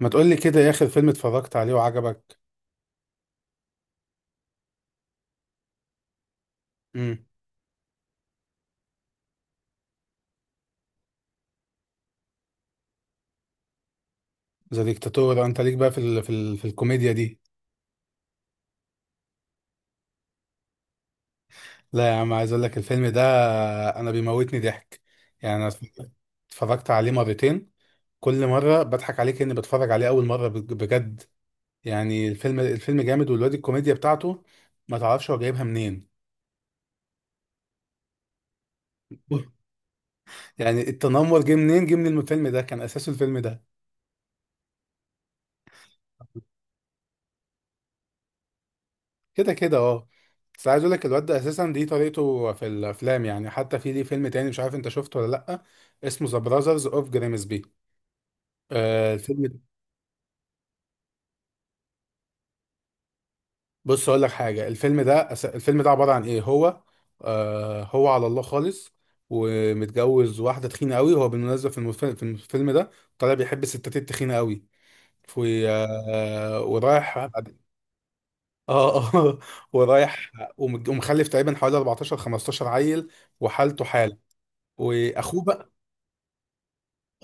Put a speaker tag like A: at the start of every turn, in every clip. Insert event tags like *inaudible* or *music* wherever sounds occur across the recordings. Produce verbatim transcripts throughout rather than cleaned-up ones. A: ما تقول لي كده يا اخر فيلم اتفرجت عليه وعجبك؟ امم. ذا ديكتاتور، انت ليك بقى في ال في ال في الكوميديا دي. لا يا عم، عايز اقول لك الفيلم ده انا بيموتني ضحك. يعني انا اتفرجت عليه مرتين، كل مره بضحك عليه كاني بتفرج عليه اول مره بج- بجد. يعني الفيلم الفيلم جامد، والواد الكوميديا بتاعته ما تعرفش هو جايبها منين. *laughs* يعني التنمر جه منين؟ جه من الفيلم ده، كان اساسه الفيلم ده. كده كده اه. بس عايز اقول لك الواد ده اساسا دي طريقته في الافلام، يعني حتى في ليه فيلم تاني، مش عارف انت شفته ولا لا، اسمه ذا براذرز اوف جريمسبي. آه الفيلم ده- بص اقول لك حاجه، الفيلم ده أس- الفيلم ده عباره عن ايه؟ هو آه هو على الله خالص، ومتجوز واحده تخينه قوي، هو بالمناسبه في المف- في الفيلم ده طالع بيحب الستات التخينه قوي. في آه ورايح اه. اه *laughs* ورايح، ومتج- ومخلف تقريبا حوالي اربعتاشر خمستاشر عيل، وحالته حاله. واخوه،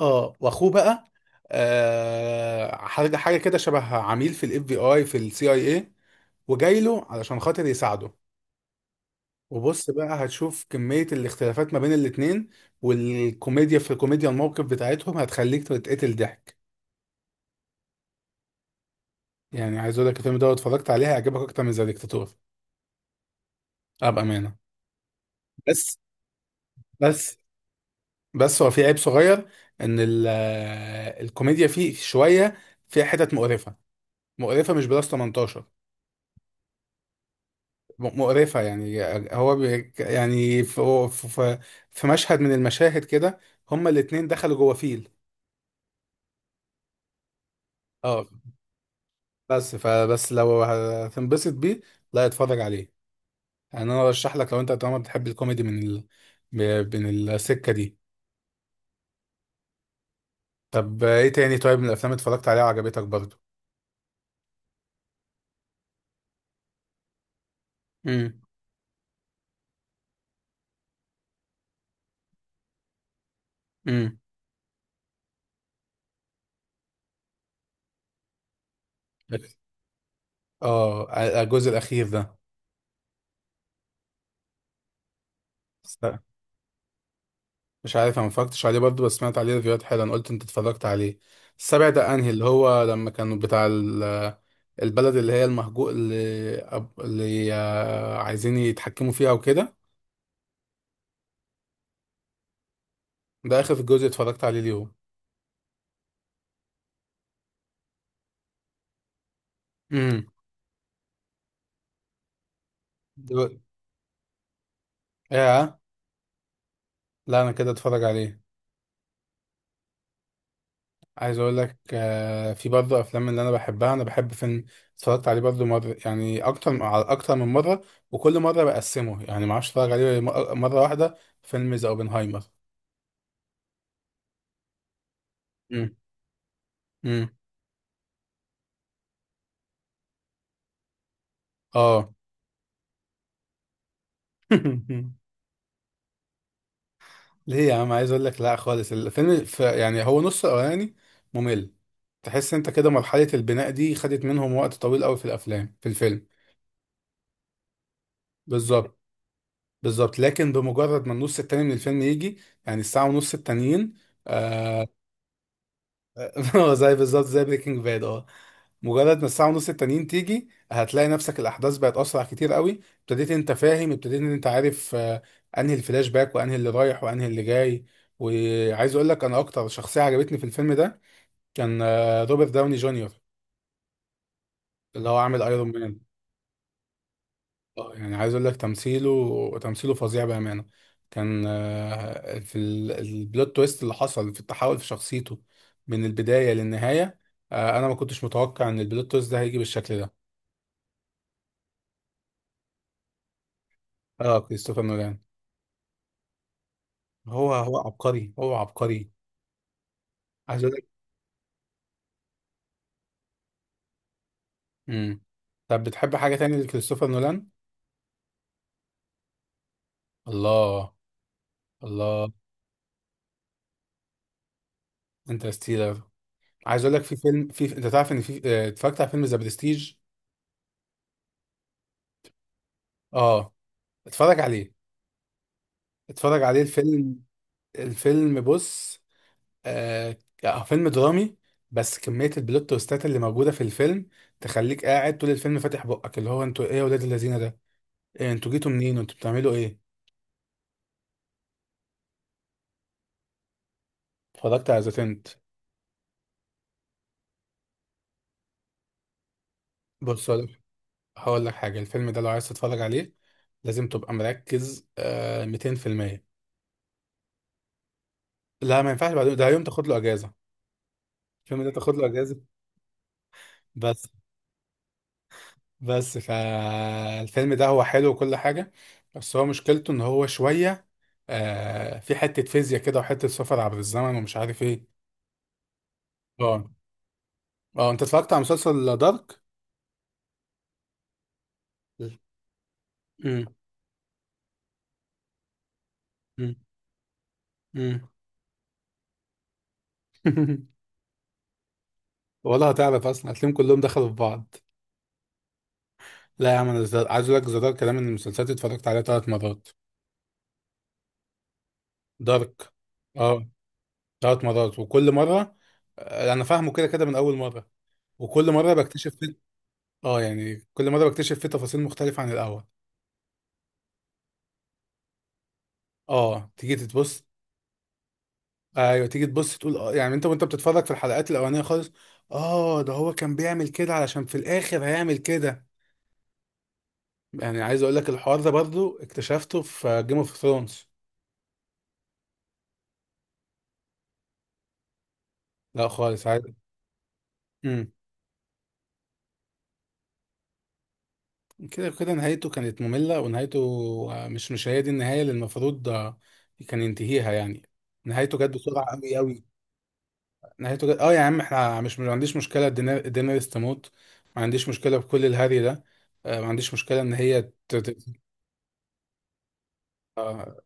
A: اه واخوه بقى آه حاجه حاجه كده شبه عميل في الاف بي اي في السي اي اي، وجاي له علشان خاطر يساعده. وبص بقى هتشوف كمية الاختلافات ما بين الاتنين. والكوميديا، في الكوميديا الموقف بتاعتهم هتخليك تتقتل ضحك. يعني عايز اقول لك الفيلم ده لو اتفرجت عليه هيعجبك اكتر من ذا ديكتاتور، ابقى امانة. بس بس بس هو في عيب صغير، ان ال- آه، الكوميديا فيه شوية، فيها حتت مقرفة، مقرفة مش بلس تمنتاشر. م- مقرفة يعني. هو بي يعني في, في, في مشهد من المشاهد كده هما الاتنين دخلوا جوه فيل. اه، بس فبس لو هتنبسط بيه لا اتفرج عليه. يعني انا ارشح لك لو انت طالما بتحب الكوميدي من ال... ب- من السكة دي. طب ايه تاني؟ طيب من الافلام اتفرجت عليها وعجبتك برضو؟ امم. امم. اه، ع- الجزء الاخير ده. س- مش عارف، انا ما اتفرجتش عليه برضه، بس سمعت عليه ريفيوهات حلوه، انا قلت انت اتفرجت عليه. السابع ده انهي؟ اللي هو لما كانوا بتاع البلد اللي هي المهجو اللي, أب... اللي آه، عايزين يتحكموا فيها وكده؟ ده اخر جزء اتفرجت عليه ليهم. امم. دو... ايه. لا انا كده اتفرج عليه. عايز اقول لك آه، في برضه افلام اللي انا بحبها، انا بحب فيلم اتفرجت عليه برضه مره، يعني اكتر على اكتر من مره، وكل مره بقسمه، يعني ما اعرفش اتفرج عليه م- مره واحده. فيلم ذا اوبنهايمر. امم. امم. اه. *laughs* ليه يا عم؟ عايز اقول لك لا خالص، الفيلم ف... يعني هو نص الاولاني ممل، تحس انت كده مرحلة البناء دي خدت منهم وقت طويل قوي في الافلام في الفيلم. بالظبط. بالظبط، لكن بمجرد ما النص التاني من الفيلم يجي، يعني الساعة ونص التانيين، آه. *laughs* هو زي بالظبط زي بريكنج باد اه، مجرد ما الساعة ونص التانيين تيجي هتلاقي نفسك الأحداث بقت أسرع كتير قوي، ابتديت أنت فاهم، ابتديت إن أنت عارف آه، أنهي الفلاش باك وأنهي اللي رايح وأنهي اللي جاي. وعايز أقول لك أنا أكتر شخصية عجبتني في الفيلم ده كان آه، روبرت داوني جونيور، اللي هو عامل ايرون مان. آه، يعني عايز اقول لك تمثيله تمثيله فظيع بامانه. كان آه، في ال- البلوت تويست اللي حصل في التحول في شخصيته من البدايه للنهايه. آه، انا ما كنتش متوقع ان البلوت تويست ده هيجي بالشكل ده. اه كريستوفر نولان. هو هو عبقري، هو عبقري. عايز اقول لك. امم. طب بتحب حاجه تانية لكريستوفر نولان؟ الله. الله. انترستيلر. عايز اقول لك في فيلم، في انت تعرف ان في آه، اتفرجت على فيلم ذا برستيج. اه، اتفرج عليه، اتفرج عليه الفيلم، الفيلم بص. آه. آه، فيلم درامي، بس كمية البلوت تويستات اللي موجودة في الفيلم تخليك قاعد طول الفيلم فاتح بقك، اللي هو انتوا ايه يا ولاد الذين ده؟ ايه انتوا جيتوا منين؟ انتوا بتعملوا ايه؟ اتفرجت على ذا تنت. بص، هقول، هقول لك حاجة، الفيلم ده لو عايز تتفرج عليه لازم تبقى مركز آه ميتين في المية. لا، ما ينفعش بعدين، ده يوم تاخد له اجازة، الفيلم ده تاخد له اجازة. بس بس فالفيلم ده هو حلو وكل حاجة، بس هو مشكلته ان هو شوية، آه في حتة فيزياء كده وحتة سفر عبر الزمن ومش عارف ايه. اه. اه، انت اتفرجت على مسلسل دارك؟ امم. امم. امم. *laughs* ولا هتعرف اصلا، هتلاقيهم كلهم دخلوا في بعض. لا يا عم، انا زد- عايز اقول لك زدار كلام من المسلسلات اللي اتفرجت عليها ثلاث مرات. دارك. اه. ثلاث مرات، وكل مرة آه، انا فاهمه كده كده من اول مرة، وكل مرة بكتشف فيه. اه يعني كل مرة بكتشف فيه تفاصيل مختلفة عن الاول. اه تيجي تتبص. ايوه، تيجي تبص تقول اه، يعني انت وانت بتتفرج في الحلقات الاولانيه خالص، اه ده هو كان بيعمل كده علشان في الاخر هيعمل كده. يعني عايز اقول لك الحوار ده برضو اكتشفته في جيم اوف ثرونز. لا خالص، عايز. امم. كده كده نهايته كانت ممله، ونهايته آه، مش مش هي دي النهايه اللي المفروض آه، كان ينتهيها يعني، نهايته جت بسرعه قوي قوي. نهايته جت اه، يا عم احنا مش، ما عنديش مشكله دينير- دينيريس تموت، ما عنديش مشكله بكل الهري ده، آه، ما عنديش مشكله ان هي ت- ت- آه،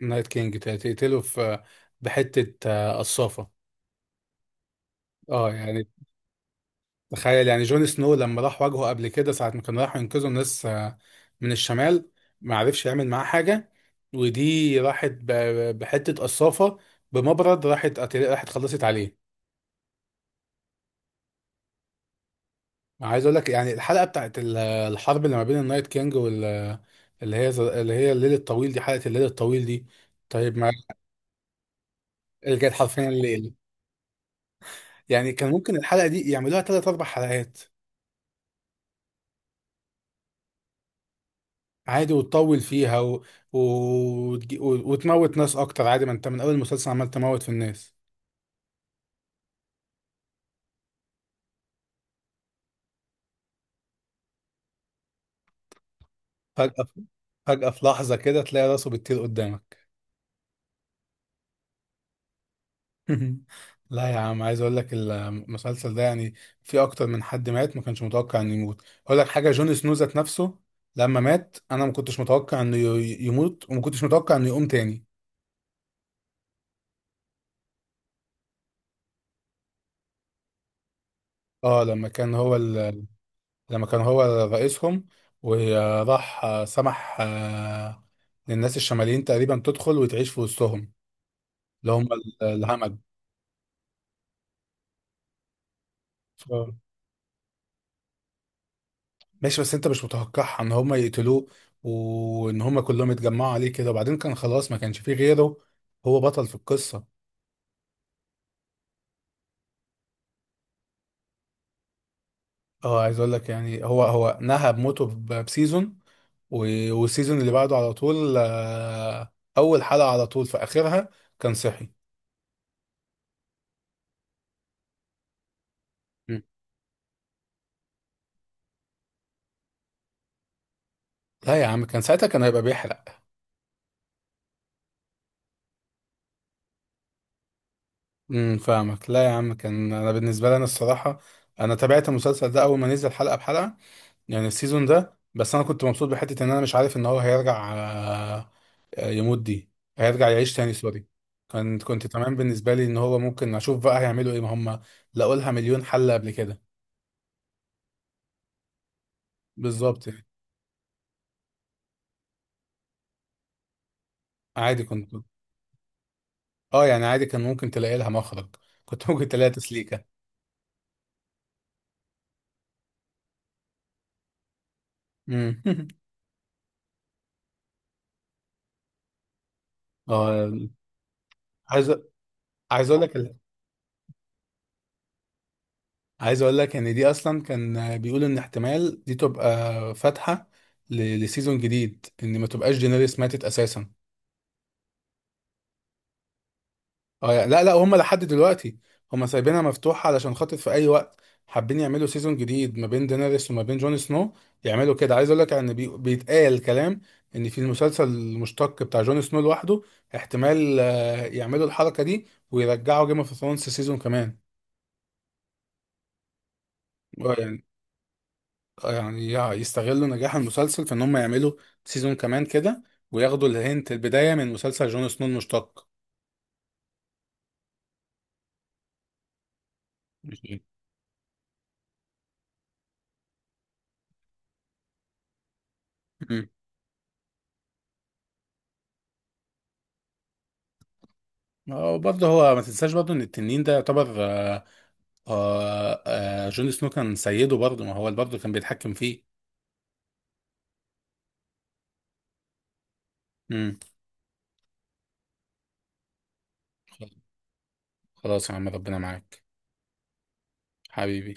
A: نايت كينج ت- تقتله في بحتة آه، قصافة. اه يعني، تخيل يعني جون سنو لما راح واجهه قبل كده، ساعة ما كانوا راحوا ينقذوا الناس آه، من الشمال، ما عرفش يعمل معاه حاجة، ودي راحت ب- بحتة قصافة، بمبرد راحت قتل- راحت خلصت عليه. عايز اقول لك يعني الحلقة بتاعت ال- الحرب اللي ما بين النايت كينج وال، اللي هي، اللي هي الليل الطويل دي، حلقة الليل الطويل دي طيب ما رجعت حرفيا الليل. يعني كان ممكن الحلقة دي يعملوها ثلاث اربع حلقات عادي، وتطول فيها و... و... وتجي- و... وتموت ناس اكتر، عادي، ما انت من اول المسلسل عمال تموت في الناس. فجأة في... فجأة في لحظة كده تلاقي راسه بتطير قدامك. *laughs* لا يا عم، عايز اقول لك المسلسل ده يعني في اكتر من حد مات ما كانش متوقع انه يموت. اقول لك حاجة، جون سنو ذات نفسه لما مات انا ما كنتش متوقع انه ي... يموت، وما كنتش متوقع انه يقوم تاني. اه لما كان هو ال لما كان هو رئيسهم، وراح آه، سمح آه، للناس الشماليين تقريبا تدخل وتعيش في وسطهم اللي هم ال- الهمج. ف- ماشي، بس انت مش متوقعها ان هم يقتلوه، وان هم كلهم يتجمعوا عليه كده، وبعدين كان خلاص ما كانش فيه غيره، هو بطل في القصة. اه عايز اقول لك يعني هو هو نهى بموته ب- بسيزون، و- والسيزون اللي بعده على طول، آه، اول حلقة على طول في اخرها كان صحي. مم. لا يا عم، كان ساعتها كان هيبقى بيحرق. امم فاهمك، لا يا عم كان انا بالنسبه لي، انا الصراحه انا تابعت المسلسل ده اول ما نزل حلقه بحلقه، يعني السيزون ده، بس انا كنت مبسوط بحته ان انا مش عارف ان هو هيرجع آه، يموت دي، هيرجع يعيش تاني سوري. كنت كنت تمام بالنسبه لي ان هو ممكن اشوف بقى هيعملوا ايه، ما هم لقوا لها مليون حل قبل كده. بالظبط يعني، عادي، كنت اه يعني عادي كان ممكن تلاقي لها مخرج، كنت ممكن تلاقي تسليكه. امم. *laughs* اه، عايز عايز اقول لك، عايز اقول لك ان دي اصلا كان بيقولوا ان احتمال دي تبقى فاتحه ل- لسيزون جديد، ان ما تبقاش دينيريس ماتت اساسا. اه يعني، لا لا، هم لحد دلوقتي هم سايبينها مفتوحه علشان خاطر في اي وقت حابين يعملوا سيزون جديد ما بين دينيريس وما بين جون سنو يعملوا كده. عايز اقول لك ان بي... بيتقال كلام ان في المسلسل المشتق بتاع جون سنو لوحده احتمال آه، يعملوا الحركه دي، ويرجعوا جيم اوف ثرونز سيزون كمان. اه يعني، يعني يع- يستغلوا نجاح المسلسل في ان هم يعملوا سيزون كمان كده، وياخدوا الهنت البداية من مسلسل جون سنو المشتق. أكيد. مم. وبرضه هو ما تنساش برضه ان التنين ده يعتبر آه، آه آه جون سنو كان سيده برضه، ما هو برضه كان بيتحكم فيه. مم. خلاص يا عم ربنا معاك، حبيبي.